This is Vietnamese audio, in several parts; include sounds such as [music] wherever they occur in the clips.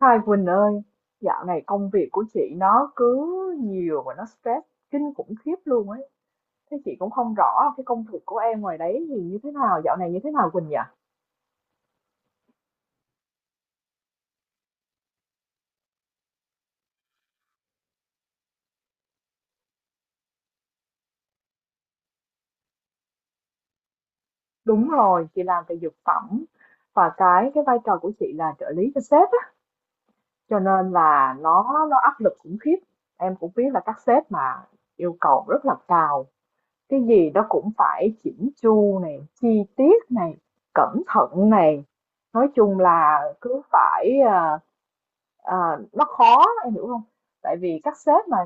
Hai Quỳnh ơi, dạo này công việc của chị nó cứ nhiều và nó stress kinh khủng khiếp luôn ấy. Thế chị cũng không rõ cái công việc của em ngoài đấy thì như thế nào, dạo này như thế nào Quỳnh nhỉ? Đúng rồi, chị làm về dược phẩm và cái vai trò của chị là trợ lý cho sếp á, cho nên là nó áp lực khủng khiếp. Em cũng biết là các sếp mà yêu cầu rất là cao, cái gì đó cũng phải chỉnh chu này, chi tiết này, cẩn thận này. Nói chung là cứ phải Ờ, nó khó, em hiểu không? Tại vì các sếp mà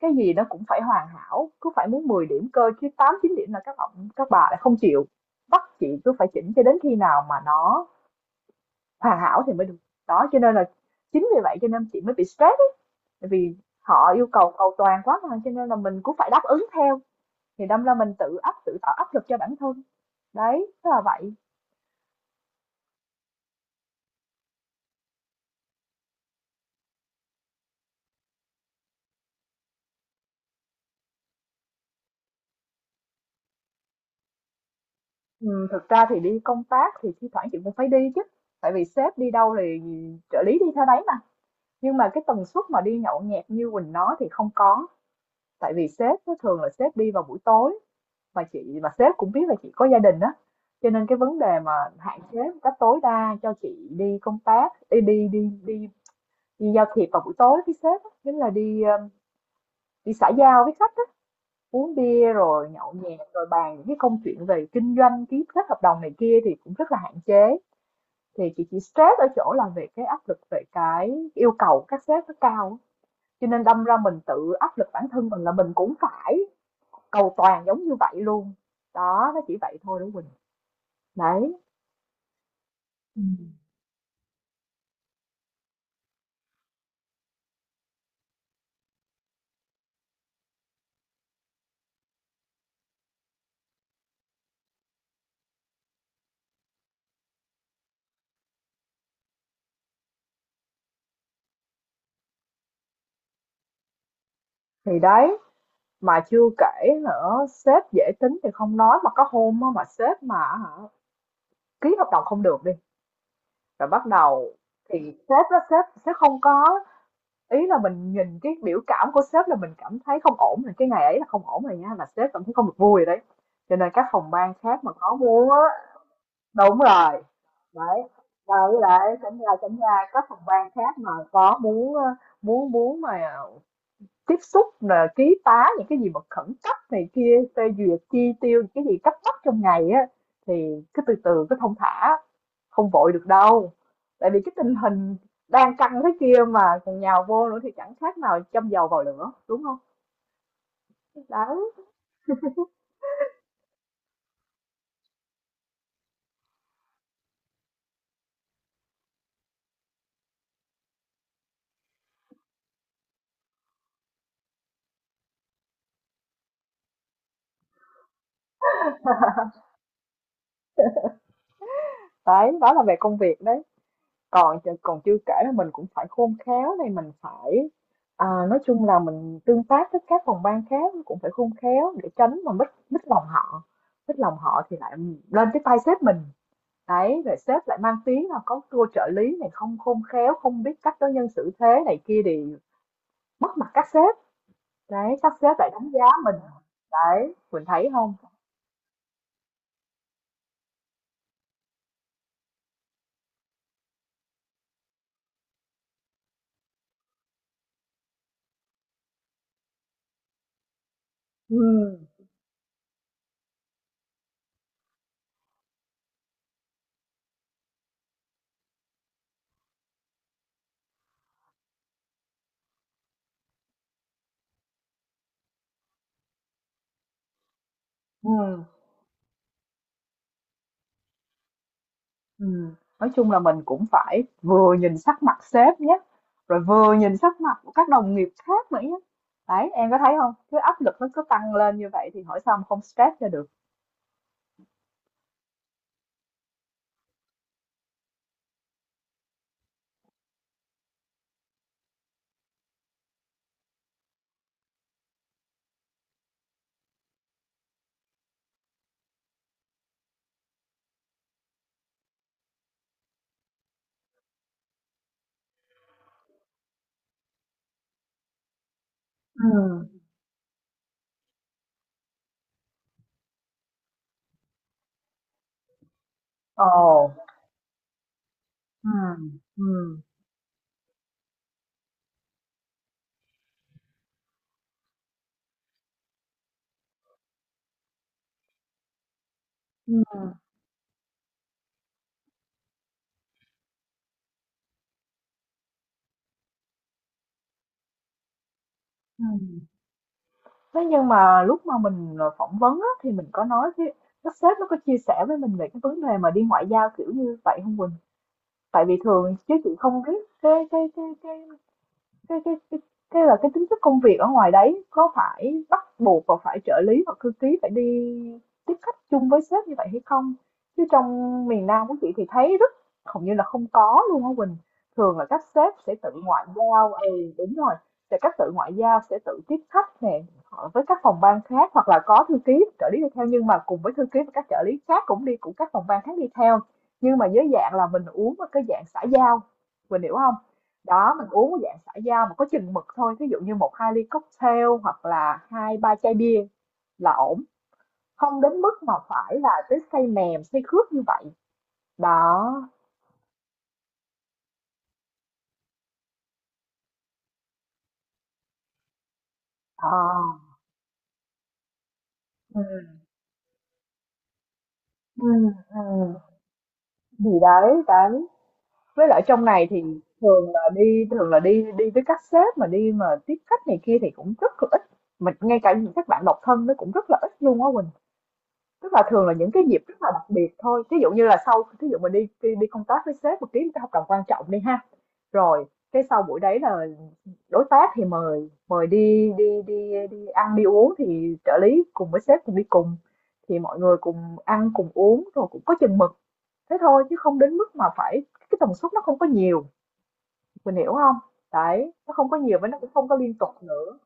cái gì nó cũng phải hoàn hảo, cứ phải muốn 10 điểm cơ chứ 8 9 điểm là các ông các bà lại không chịu, bắt chị cứ phải chỉnh cho đến khi nào mà nó hoàn hảo thì mới được. Đó, cho nên là chính vì vậy cho nên chị mới bị stress ấy, tại vì họ yêu cầu cầu toàn quá mà, cho nên là mình cũng phải đáp ứng theo, thì đâm ra mình tự tạo áp lực cho bản thân. Đấy, tức là vậy. Thực ra thì đi công tác thì thi thoảng chị cũng phải đi chứ, tại vì sếp đi đâu thì trợ lý đi theo đấy mà. Nhưng mà cái tần suất mà đi nhậu nhẹt như Quỳnh nói thì không có. Tại vì sếp nó thường là sếp đi vào buổi tối, và chị và sếp cũng biết là chị có gia đình á. Cho nên cái vấn đề mà hạn chế một cách tối đa cho chị đi công tác, đi đi đi đi, đi giao thiệp vào buổi tối với sếp á, chính là đi đi xã giao với khách á, uống bia rồi nhậu nhẹt rồi bàn những cái công chuyện về kinh doanh, ký kết hợp đồng này kia thì cũng rất là hạn chế. Thì chị chỉ stress ở chỗ là về cái áp lực về cái yêu cầu các sếp nó cao á. Cho nên đâm ra mình tự áp lực bản thân mình là mình cũng phải cầu toàn giống như vậy luôn. Đó, nó chỉ vậy thôi đó Quỳnh. Đấy. Ừ. Thì đấy, mà chưa kể nữa sếp dễ tính thì không nói, mà có hôm mà sếp mà ký hợp đồng không được đi rồi bắt đầu thì sếp sẽ không có, ý là mình nhìn cái biểu cảm của sếp là mình cảm thấy không ổn rồi, cái ngày ấy là không ổn rồi nha, là sếp cảm thấy không được vui rồi đấy. Cho nên các phòng ban khác mà có muốn á. Đúng rồi. Đấy, và với lại chẳng là các phòng ban khác mà có muốn muốn muốn mà tiếp xúc là ký tá những cái gì mà khẩn cấp này kia, phê duyệt chi tiêu những cái gì cấp bách trong ngày á, thì cứ từ từ cứ thong thả, không vội được đâu. Tại vì cái tình hình đang căng thế kia mà còn nhào vô nữa thì chẳng khác nào châm dầu vào lửa, đúng không? Đấy. Đấy, đó là về công việc đấy. Còn còn chưa kể là mình cũng phải khôn khéo này, mình phải nói chung là mình tương tác với các phòng ban khác cũng phải khôn khéo để tránh mà mất mất lòng họ. Mất lòng họ thì lại lên cái tay sếp mình. Đấy, rồi sếp lại mang tiếng là có cô trợ lý này không khôn khéo, không biết cách đối nhân xử thế này kia thì mất mặt các sếp. Đấy, các sếp lại đánh giá mình. Đấy, mình thấy không? Ừ. Ừ. Nói chung là mình cũng phải vừa nhìn sắc mặt sếp nhé, rồi vừa nhìn sắc mặt của các đồng nghiệp khác nữa nhé. Đấy, em có thấy không? Cái áp lực nó cứ tăng lên như vậy thì hỏi sao mà không stress cho được. Ừ. Ồ. Ừ. Ừ. Ừ. Ừ. Thế nhưng mà lúc mà mình phỏng vấn á, thì mình có nói cái, các sếp nó có chia sẻ với mình về cái vấn đề mà đi ngoại giao kiểu như vậy không Quỳnh? Tại vì thường chứ chị không biết cái Cái cái cái cái là cái tính chất công việc ở ngoài đấy có phải bắt buộc và phải trợ lý hoặc thư ký phải đi tiếp khách chung với sếp như vậy hay không? Chứ trong miền Nam của chị thì thấy rất, hầu như là không có luôn á Quỳnh. Thường là các sếp sẽ tự ngoại giao, ừ đúng rồi, sẽ các tự ngoại giao sẽ tự tiếp khách nè họ với các phòng ban khác, hoặc là có thư ký trợ lý đi theo nhưng mà cùng với thư ký và các trợ lý khác cũng đi, cũng các phòng ban khác đi theo, nhưng mà dưới dạng là mình uống ở cái dạng xã giao, mình hiểu không? Đó, mình uống cái dạng xã giao mà có chừng mực thôi, ví dụ như một hai ly cocktail hoặc là hai ba chai bia là ổn, không đến mức mà phải là tới say mềm say khướt như vậy. Đó. À, ừ, ừ, ừ. Gì đấy đấy. Với lại trong này thì thường là đi đi với các sếp mà đi mà tiếp khách này kia thì cũng rất là ít, mình ngay cả những các bạn độc thân nó cũng rất là ít luôn á Quỳnh. Tức là thường là những cái dịp rất là đặc biệt thôi, ví dụ như là sau, ví dụ mình đi đi đi công tác với sếp mình ký một cái hợp đồng quan trọng đi ha, rồi cái sau buổi đấy là đối tác thì mời mời đi đi đi đi ăn đi uống thì trợ lý cùng với sếp cùng đi cùng, thì mọi người cùng ăn cùng uống rồi cũng có chừng mực, thế thôi chứ không đến mức mà phải, cái tần suất nó không có nhiều, mình hiểu không? Đấy, nó không có nhiều và nó cũng không có liên tục nữa.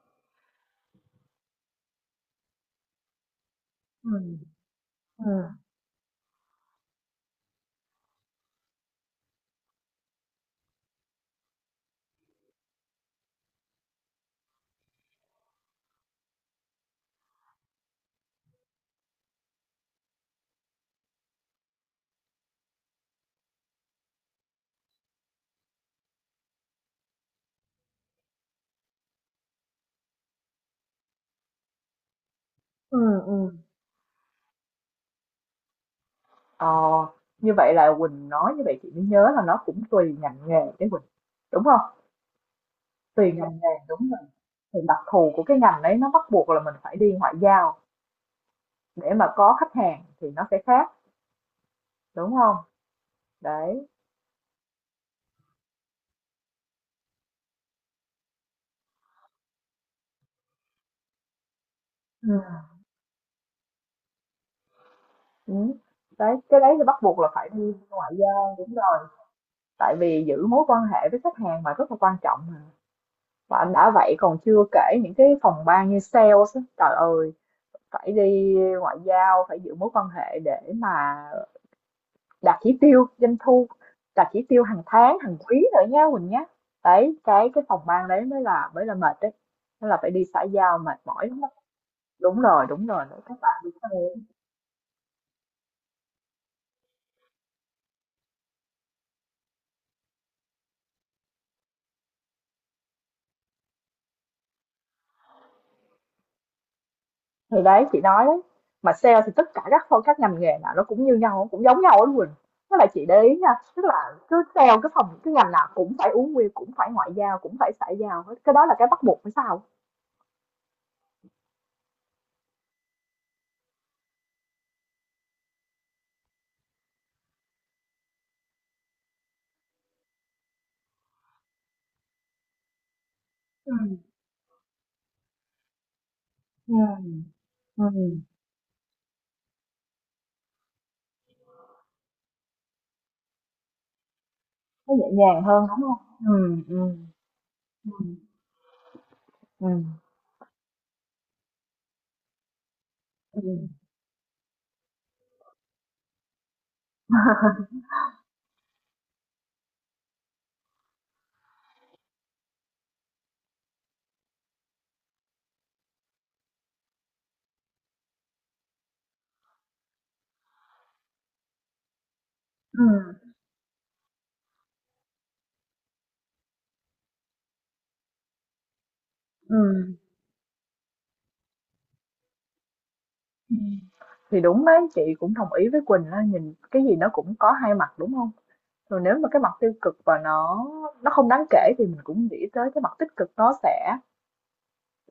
Ừ. Ừ. Ừ. Ừ. Ờ, như vậy là Quỳnh nói như vậy chị mới nhớ là nó cũng tùy ngành nghề đấy Quỳnh, đúng không? Tùy, dạ, ngành nghề đúng rồi, thì đặc thù của cái ngành đấy nó bắt buộc là mình phải đi ngoại giao để mà có khách hàng thì nó sẽ khác, đúng không? Đấy. Ừ. Ừ. Đấy cái đấy thì bắt buộc là phải đi ngoại giao, đúng rồi. Tại vì giữ mối quan hệ với khách hàng mà rất là quan trọng mà, và đã vậy còn chưa kể những cái phòng ban như sales á, trời ơi, phải đi ngoại giao, phải giữ mối quan hệ để mà đạt chỉ tiêu doanh thu, đạt chỉ tiêu hàng tháng hàng quý nữa nha Quỳnh nhé. Đấy, cái phòng ban đấy mới là mệt đấy, nó là phải đi xã giao mệt mỏi lắm đó. Đúng rồi, đúng rồi đấy, các bạn đúng rồi. Thì đấy chị nói đấy, mà sale thì tất cả các phong các ngành nghề nào nó cũng như nhau cũng giống nhau đó Quỳnh. Tức là chị để ý nha, tức là cứ sale cái phòng cái ngành nào cũng phải uống bia cũng phải ngoại giao cũng phải xã giao hết, cái đó là cái bắt buộc phải sao. Ừ. Ừ. Ừ. Nó nhẹ nhàng hơn đúng không. Ừ. Ừ. Ừ. Ừ. Ừm, ừm. Ừm. Thì đúng đấy, chị cũng đồng ý với Quỳnh á, nhìn cái gì nó cũng có hai mặt, đúng không? Rồi nếu mà cái mặt tiêu cực và nó không đáng kể thì mình cũng nghĩ tới cái mặt tích cực nó sẽ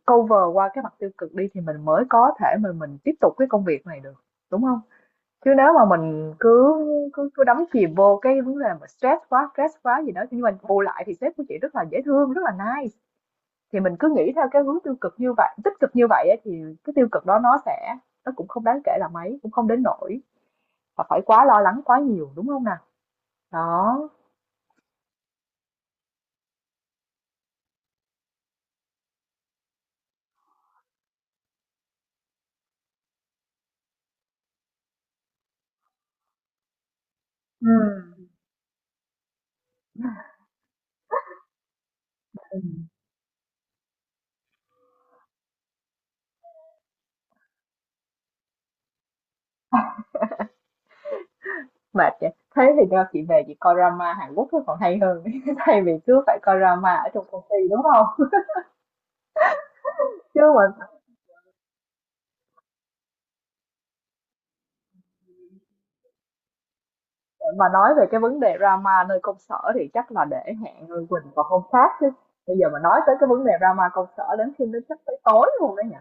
cover qua cái mặt tiêu cực đi thì mình mới có thể mà mình tiếp tục cái công việc này được, đúng không? Chứ nếu mà mình cứ cứ cứ đắm chìm vô cái vấn đề mà stress quá gì đó, nhưng mà bù lại thì sếp của chị rất là dễ thương, rất là nice. Thì mình cứ nghĩ theo cái hướng tiêu cực như vậy tích cực như vậy á thì cái tiêu cực đó nó sẽ, nó cũng không đáng kể là mấy, cũng không đến nỗi mà phải quá lo lắng quá nhiều, đúng không nào? Đó. Ừm. Ừm, mệt vậy. Thế thì do chị về chị coi drama Hàn Quốc nó còn hay hơn [laughs] thay vì cứ phải coi drama ở trong công ty, đúng không? Chứ mà nói về cái vấn đề drama nơi công sở thì chắc là để hẹn người Quỳnh vào hôm khác chứ. Bây giờ mà nói tới cái vấn đề drama công sở đến khi nó chắc tới tối luôn đấy nhỉ?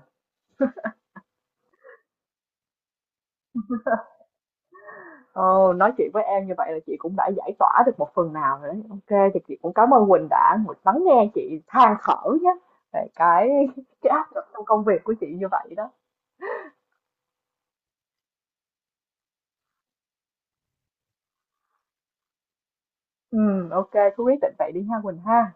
Ồ, nói chuyện với em như vậy là chị cũng đã giải tỏa được một phần nào rồi đấy. Ok, thì chị cũng cảm ơn Quỳnh đã một lắng nghe chị than thở nhé, về cái [laughs] cái áp lực trong công việc của chị như vậy đó. Ừ, ok, cứ quyết định vậy đi ha Quỳnh ha.